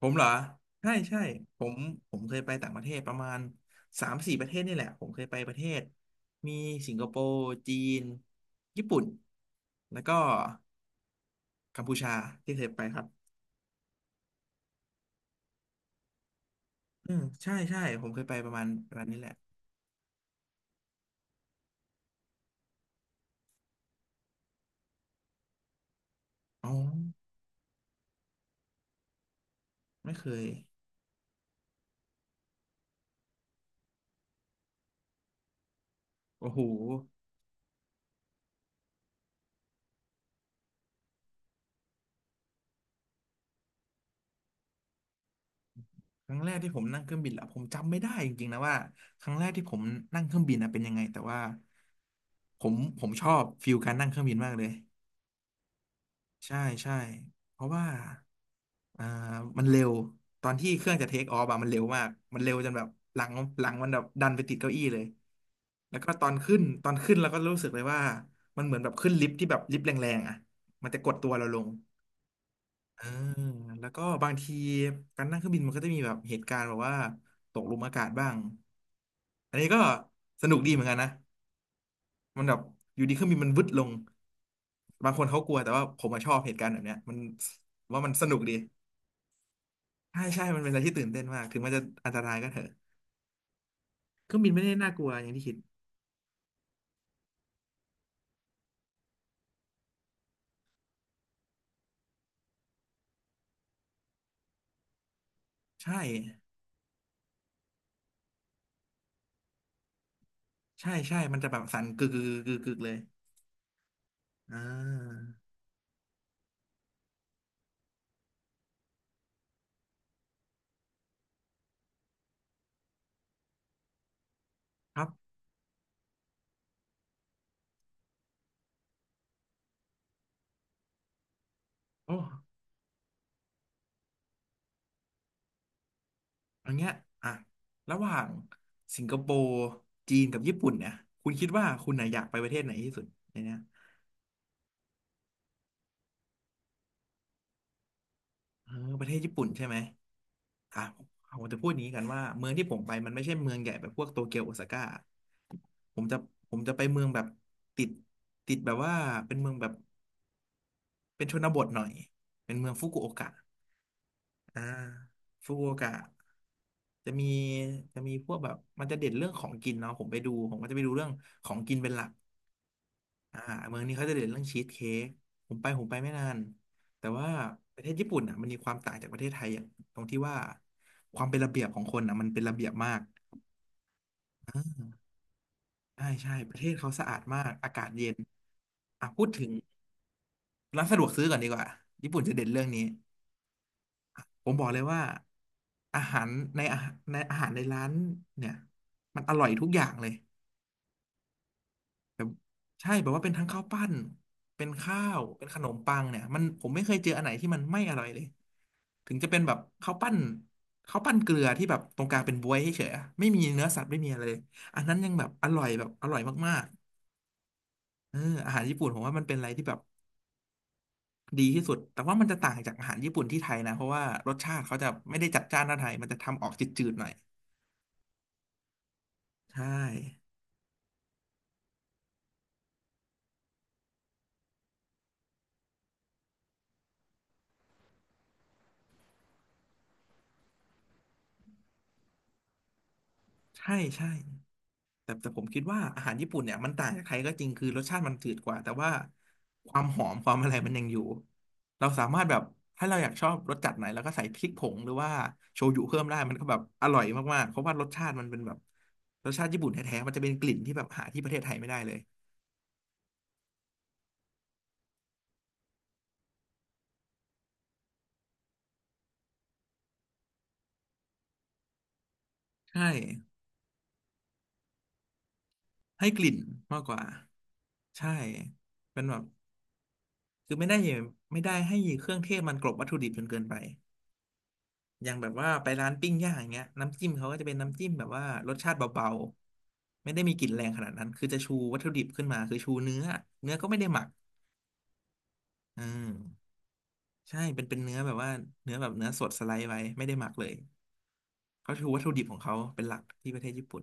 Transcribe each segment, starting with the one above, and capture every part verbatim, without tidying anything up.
ผมเหรอใช่ใช่ผมผมเคยไปต่างประเทศประมาณสามสี่ประเทศนี่แหละผมเคยไปประเทศมีสิงคโปร์จีนญี่ปุ่นแล้วก็กัมพูชาที่เคยไปครับอืมใช่ใช่ผมเคยไปประมาณประมาณนี้แหละอ๋อไม่เคยโอ้โหครั้งแรกที่ผมนั่งเครื่องบินละผมจำไม่ได้จริงๆนะว่าครั้งแรกที่ผมนั่งเครื่องบินนะเป็นยังไงแต่ว่าผมผมชอบฟิลการนั่งเครื่องบินมากเลย ใช่ใช่เพราะว่าอ่ามันเร็วตอนที่เครื่องจะเทคออฟอะมันเร็วมากมันเร็วจนแบบหลังหลังมันแบบดันไปติดเก้าอี้เลยแล้วก็ตอนขึ้นตอนขึ้นเราก็รู้สึกเลยว่ามันเหมือนแบบขึ้นลิฟต์ที่แบบลิฟต์แรงๆอะมันจะกดตัวเราลงเออแล้วก็บางทีการนั่งเครื่องบินมันก็จะมีแบบเหตุการณ์แบบว่าตกหลุมอากาศบ้างอันนี้ก็สนุกดีเหมือนกันนะ มันแบบอยู่ดีเครื่องบินมันวึดลงบางคนเขากลัวแต่ว่าผมอะชอบเหตุการณ์แบบเนี้ยมันว่ามันสนุกดีใช่ใช่มันเป็นอะไรที่ตื่นเต้นมากถึงมันจะอันตรายก็เถอะเครื่องบินไม่ได้น่ากลัวอย่างที่คิดใช่ใช่ใช่มันจะแบบสั่นกึกกึกกึกกึกเลยอ่าครับโอ้อันเนี้ยอ่ะระหว่างสิงคโปร์จีนกับญี่ปุ่นเนี่ยคุณคิดว่าคุณน่ะอยากไปประเทศไหนที่สุดในเนี้ย เออประเทศญี่ปุ่นใช่ไหมอ่ะผมจะพูดอย่างนี้กันว่าเมืองที่ผมไปมันไม่ใช่เมืองใหญ่แบบพวกโตเกียวโอซาก้าผมจะผมจะไปเมืองแบบติดติดแบบว่าเป็นเมืองแบบเป็นชนบทหน่อยเป็นเมืองฟุกุโอกะอ่าฟุกุโอกะจะมีจะมีพวกแบบมันจะเด่นเรื่องของกินเนาะผมไปดูผมก็จะไปดูเรื่องของกินเป็นหลัก อ่าเมืองนี้เขาจะเด่นเรื่องชีสเค้กผมไปผมไปไม่นานแต่ว่าประเทศญี่ปุ่นอ่ะมันมีความต่างจากประเทศไทยอย่างตรงที่ว่าความเป็นระเบียบของคนอ่ะมันเป็นระเบียบมากอ่าใช่ใช่ประเทศเขาสะอาดมากอากาศเย็นอ่ะพูดถึงร้านสะดวกซื้อก่อนดีกว่าญี่ปุ่นจะเด่นเรื่องนี้ผมบอกเลยว่าอาหารในอาหารในอาหารในร้านเนี่ยมันอร่อยทุกอย่างเลยแบบใช่แบบว่าเป็นทั้งข้าวปั้นเป็นข้าวเป็นขนมปังเนี่ยมันผมไม่เคยเจออันไหนที่มันไม่อร่อยเลย ถึงจะเป็นแบบข้าวปั้นข้าวปั้นเกลือที่แบบตรงกลางเป็นบ๊วยให้เฉยอะไม่มีเนื้อสัตว์ไม่มีอะไรเลยอันนั้นยังแบบอร่อยแบบอร่อยมากๆเอออาหารญี่ปุ่นผมว่ามันเป็นอะไรที่แบบดีที่สุดแต่ว่ามันจะต่างจากอาหารญี่ปุ่นที่ไทยนะเพราะว่ารสชาติเขาจะไม่ได้จัดจ้านเท่าไทยมันจะทำออกจืดๆหน่อยใช่ใช่ใช่ แต่แต่ผมคิดว่าอาหารญี่ปุ่นเนี่ยมันต่างจากไทยก็จริงคือรสชาติมันจืดกว่าแต่ว่าความหอมความอะไรมันยังอยู่เราสามารถแบบถ้าเราอยากชอบรสจัดไหนเราก็ใส่พริกผงหรือว่าโชยุเพิ่มได้มันก็แบบอร่อยมากๆเพราะว่ารสชาติมันเป็นแบบรสชาติญี่ปุ่นแท้ๆมันจะเป็นกลิ่นที่แบบหาที่ประเทศไทยไม่ได้เลยใช่ให้กลิ่นมากกว่าใช่เป็นแบบคือไม่ได้ไม่ได้ให้เครื่องเทศมันกลบวัตถุดิบจนเกินไป อย่างแบบว่าไปร้านปิ้งย่างอย่างเงี้ยน้ำจิ้มเขาก็จะเป็นน้ำจิ้มแบบว่ารสชาติเบาๆไม่ได้มีกลิ่นแรงขนาดนั้นคือจะชูวัตถุดิบขึ้นมาคือชูเนื้อเนื้อก็ไม่ได้หมักอืมใช่เป็นเป็นเนื้อแบบว่าเนื้อแบบเนื้อสดสไลด์ไว้ไม่ได้หมักเลยเขาชูวัตถุดิบของเขาเป็นหลักที่ประเทศญี่ปุ่น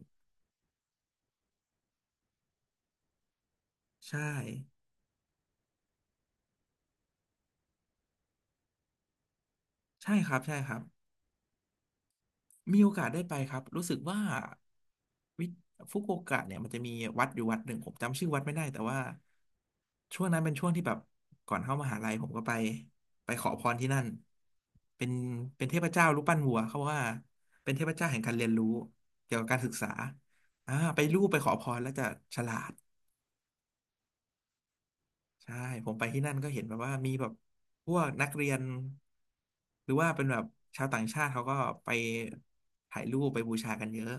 ใช่ใช่ครับใช่ครับ มีโอกาสได้ไปครับ รู้สึกว่าวิฟุกุโอกะเนี่ยมันจะมีวัดอยู่วัดหนึ่ง ผมจำชื่อวัดไม่ได้แต่ว่าช่วงนั้นเป็นช่วงที่แบบก่อนเข้ามหาลัยผมก็ไปไปขอพรที่นั่น เป็นเป็นเทพเจ้ารูปปั้นวัวเขาว่าเป็นเทพเจ้าแห่งการเรียนรู้เกี่ยวกับการศึกษาอ่าไปรูปไปขอพรแล้วจะฉลาดใช่ผมไปที่นั่นก็เห็นแบบว่ามีแบบพวกนักเรียนหรือว่าเป็นแบบชาวต่างชาติเขาก็ไปถ่ายรูปไปบูชากันเยอะ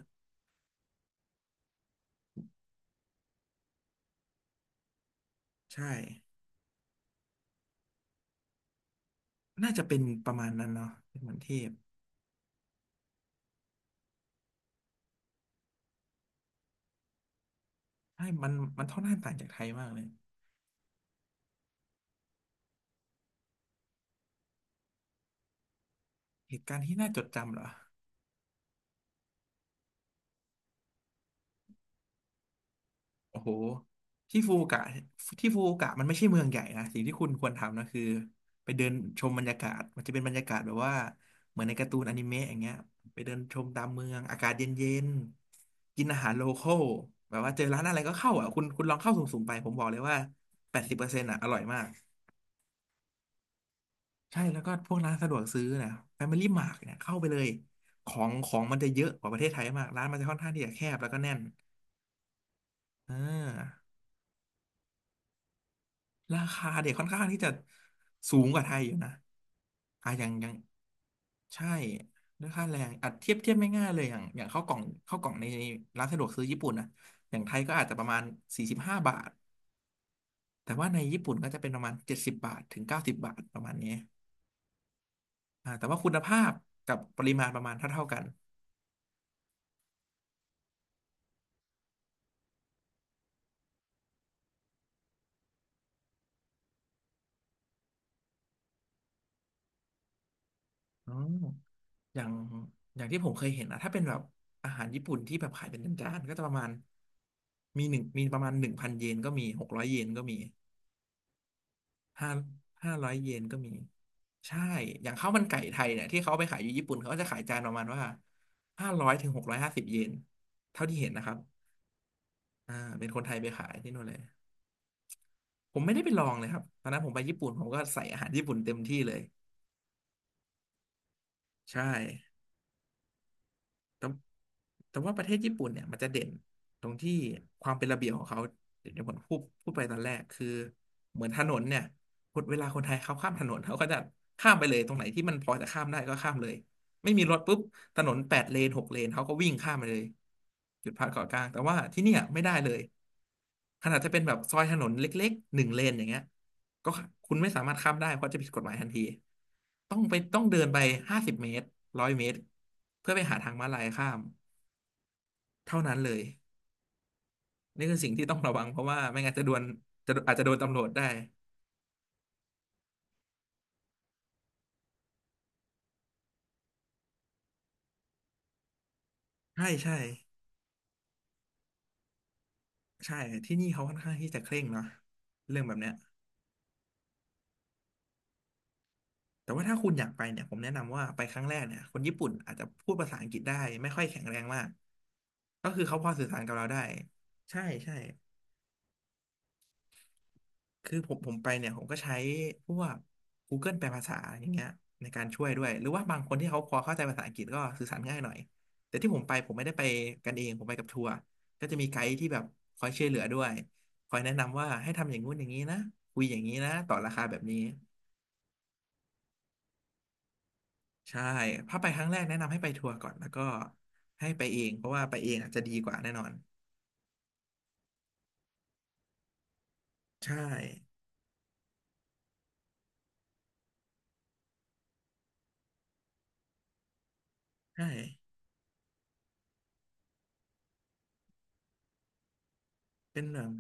ใช่น่าจะเป็นประมาณนั้นเนาะเป็นเหมือนเทพใช่มันมันค่อนข้างต่างจากไทยมากเลยเหตุการณ์ที่น่าจดจำเหรอโอ้โหที่ฟูกะที่ฟูกะมันไม่ใช่เมืองใหญ่นะสิ่งที่คุณควรทำนะคือไปเดินชมบรรยากาศมันจะเป็นบรรยากาศแบบว่าเหมือนในการ์ตูนอนิเมะอย่างเงี้ยไปเดินชมตามเมืองอากาศเย็นๆกินอาหารโลคอลแบบว่าเจอร้านอะไรก็เข้าอ่ะคุณคุณลองเข้าสุ่มๆไปผมบอกเลยว่าแปดสิบเปอร์เซ็นต์อ่ะอร่อยมาก ใช่แล้วก็พวกร้านสะดวกซื้อนะ Family Mart เนี่ยเข้าไปเลยของของมันจะเยอะกว่าประเทศไทยมากร้านมันจะค่อนข้างที่จะแคบแล้วก็แน่นเออราคาเด็กค่อนข้างที่จะสูงกว่าไทยอยู่นะอ่ะอย่างอย่างใช่ด้วยค่าแรงอัดเทียบเทียบไม่ง่ายเลยอย่างอย่างข้าวกล่องข้าวกล่องในร้านสะดวกซื้อญี่ปุ่นนะอย่างไทยก็อาจจะประมาณสี่สิบห้าบาทแต่ว่าในญี่ปุ่นก็จะเป็นประมาณเจ็ดสิบบาทถึงเก้าสิบบาทประมาณนี้อ่าแต่ว่าคุณภาพกับปริมาณประมาณเท่าเท่ากันอ๋อ อย่างอย่างที่ผมเคยเห็นนะถ้าเป็นแบบอาหารญี่ปุ่นที่แบบขายเป็นจานๆก็จะประมาณมีหนึ่งมีประมาณหนึ่งพันเยนก็มีหกร้อยเยนก็มีห้าห้าร้อยเยนก็มีใช่อย่างข้าวมันไก่ไทยเนี่ยที่เขาเอาไปขายอยู่ญี่ปุ่นเขาก็จะขายจานประมาณว่าห้าร้อยถึงหกร้อยห้าสิบเยนเท่าที่เห็นนะครับอ่าเป็นคนไทยไปขายที่นู่นเลยผมไม่ได้ไปลองเลยครับตอนนั้นผมไปญี่ปุ่นผมก็ใส่อาหารญี่ปุ่นเต็มที่เลยใช่ แต่แต่ว่าประเทศญี่ปุ่นเนี่ยมันจะเด่นตรงที่ความเป็นระเบียบของเขาเดี๋ยวผมพูดพูดไปตอนแรกคือเหมือนถนนเนี่ยคนเวลาคนไทยเขาข้ามถนนเขาก็จะข้ามไปเลยตรงไหนที่มันพอจะข้ามได้ก็ข้ามเลยไม่มีรถปุ๊บถนนแปดเลนหกเลนเขาก็วิ่งข้ามไปเลยหยุดพักเกาะกลางแต่ว่าที่เนี่ยไม่ได้เลยขนาดจะเป็นแบบซอยถนนเล็กๆหนึ่งเลนอย่างเงี้ย ก็คุณไม่สามารถข้ามได้เพราะจะผิดกฎหมายทันทีต้องไปต้องเดินไปห้าสิบเมตรร้อยเมตรเพื่อไปหาทางม้าลายข้ามเท่านั้นเลยนี่คือสิ่งที่ต้องระวังเพราะว่าไม่งั้นจะโดนจะอาจจะโดนตำรวจได้ใช่ใช่ใช่ที่นี่เขาค่อนข้างที่จะเคร่งเนาะเรื่องแบบเนี้ยแต่ว่าถ้าคุณอยากไปเนี่ยผมแนะนำว่าไปครั้งแรกเนี่ยคนญี่ปุ่นอาจจะพูดภาษาอังกฤษได้ไม่ค่อยแข็งแรงมากก็คือเขาพอสื่อสารกับเราได้ใช่ใช่ คือผมผมไปเนี่ยผมก็ใช้พวก Google แปลภาษาอย่างเงี้ยในการช่วยด้วยหรือว่าบางคนที่เขาพอเข้าใจภาษาอังกฤษก็สื่อสารง่ายหน่อยแต่ที่ผมไปผมไม่ได้ไปกันเองผมไปกับทัวร์ก็จะมีไกด์ที่แบบคอยช่วยเหลือด้วยคอยแนะนำว่าให้ทำอย่างงู้นอย่างนี้นะคุยอย่างนี้นะต่อราคาแบบนี้ใช่ถ้าไปครั้งแรกแนะนำให้ไปทัวร์ก่อนแล้วก็ให้ไปเองเพราะว่าไปเองอาจจะดีกว่าแน่นอนใช่ใช่เป็นแบบ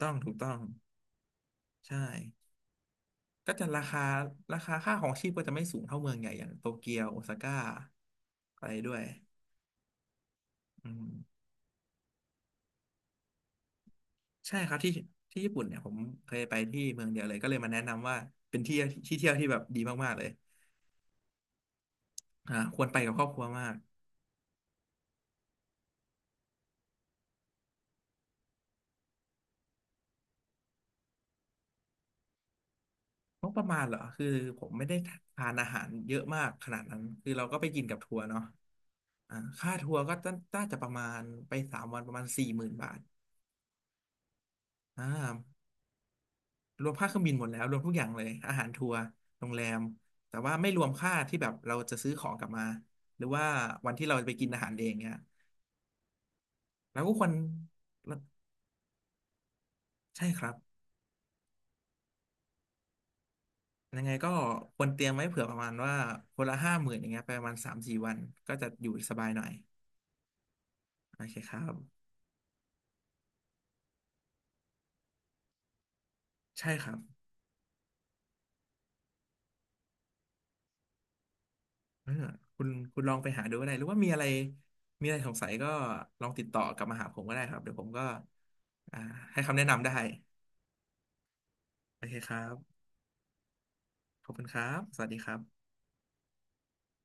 ต้องถูกต้องใช่ ก็จะราคาราคาค่าของชีพก็จะไม่สูงเท่าเมืองใหญ่อย่างโตเกียวโอซาก้าอะไรด้วยอืมใช่ครับที่ที่ญี่ปุ่นเนี่ยผมเคยไปที่เมืองเดียวเลยก็เลยมาแนะนำว่าเป็นที่ที่เที่ยวที่แบบดีมากๆเลยอ่าควรไปกับครอบครัวมากงบประมาณเหรอคือผมไม่ได้ทานอาหารเยอะมากขนาดนั้นคือเราก็ไปกินกับทัวร์เนาะอ่าค่าทัวร์ก็น่าจะประมาณไปสามวันประมาณสี่หมื่นบาทอ่า รวมค่าเครื่องบินหมดแล้วรวมทุกอย่างเลยอาหารทัวร์โรงแรมแต่ว่าไม่รวมค่าที่แบบเราจะซื้อของกลับมาหรือว่าวันที่เราไปกินอาหารเองเนี่ยเราก็ควรใช่ครับยังไงก็ควรเตรียมไว้เผื่อประมาณว่าคนละห้าหมื่นอย่างเงี้ยไปประมาณสามสี่วันก็จะอยู่สบายหน่อยโอเคครับใช่ครับเออคุณคุณลองไปหาดูก็ได้หรือว่ามีอะไรมีอะไรสงสัยก็ลองติดต่อกลับมาหาผมก็ได้ครับเดี๋ยวผมก็อ่าให้คำแนะนำได้โอเคครับขอบคุณครับสวัสดีครับ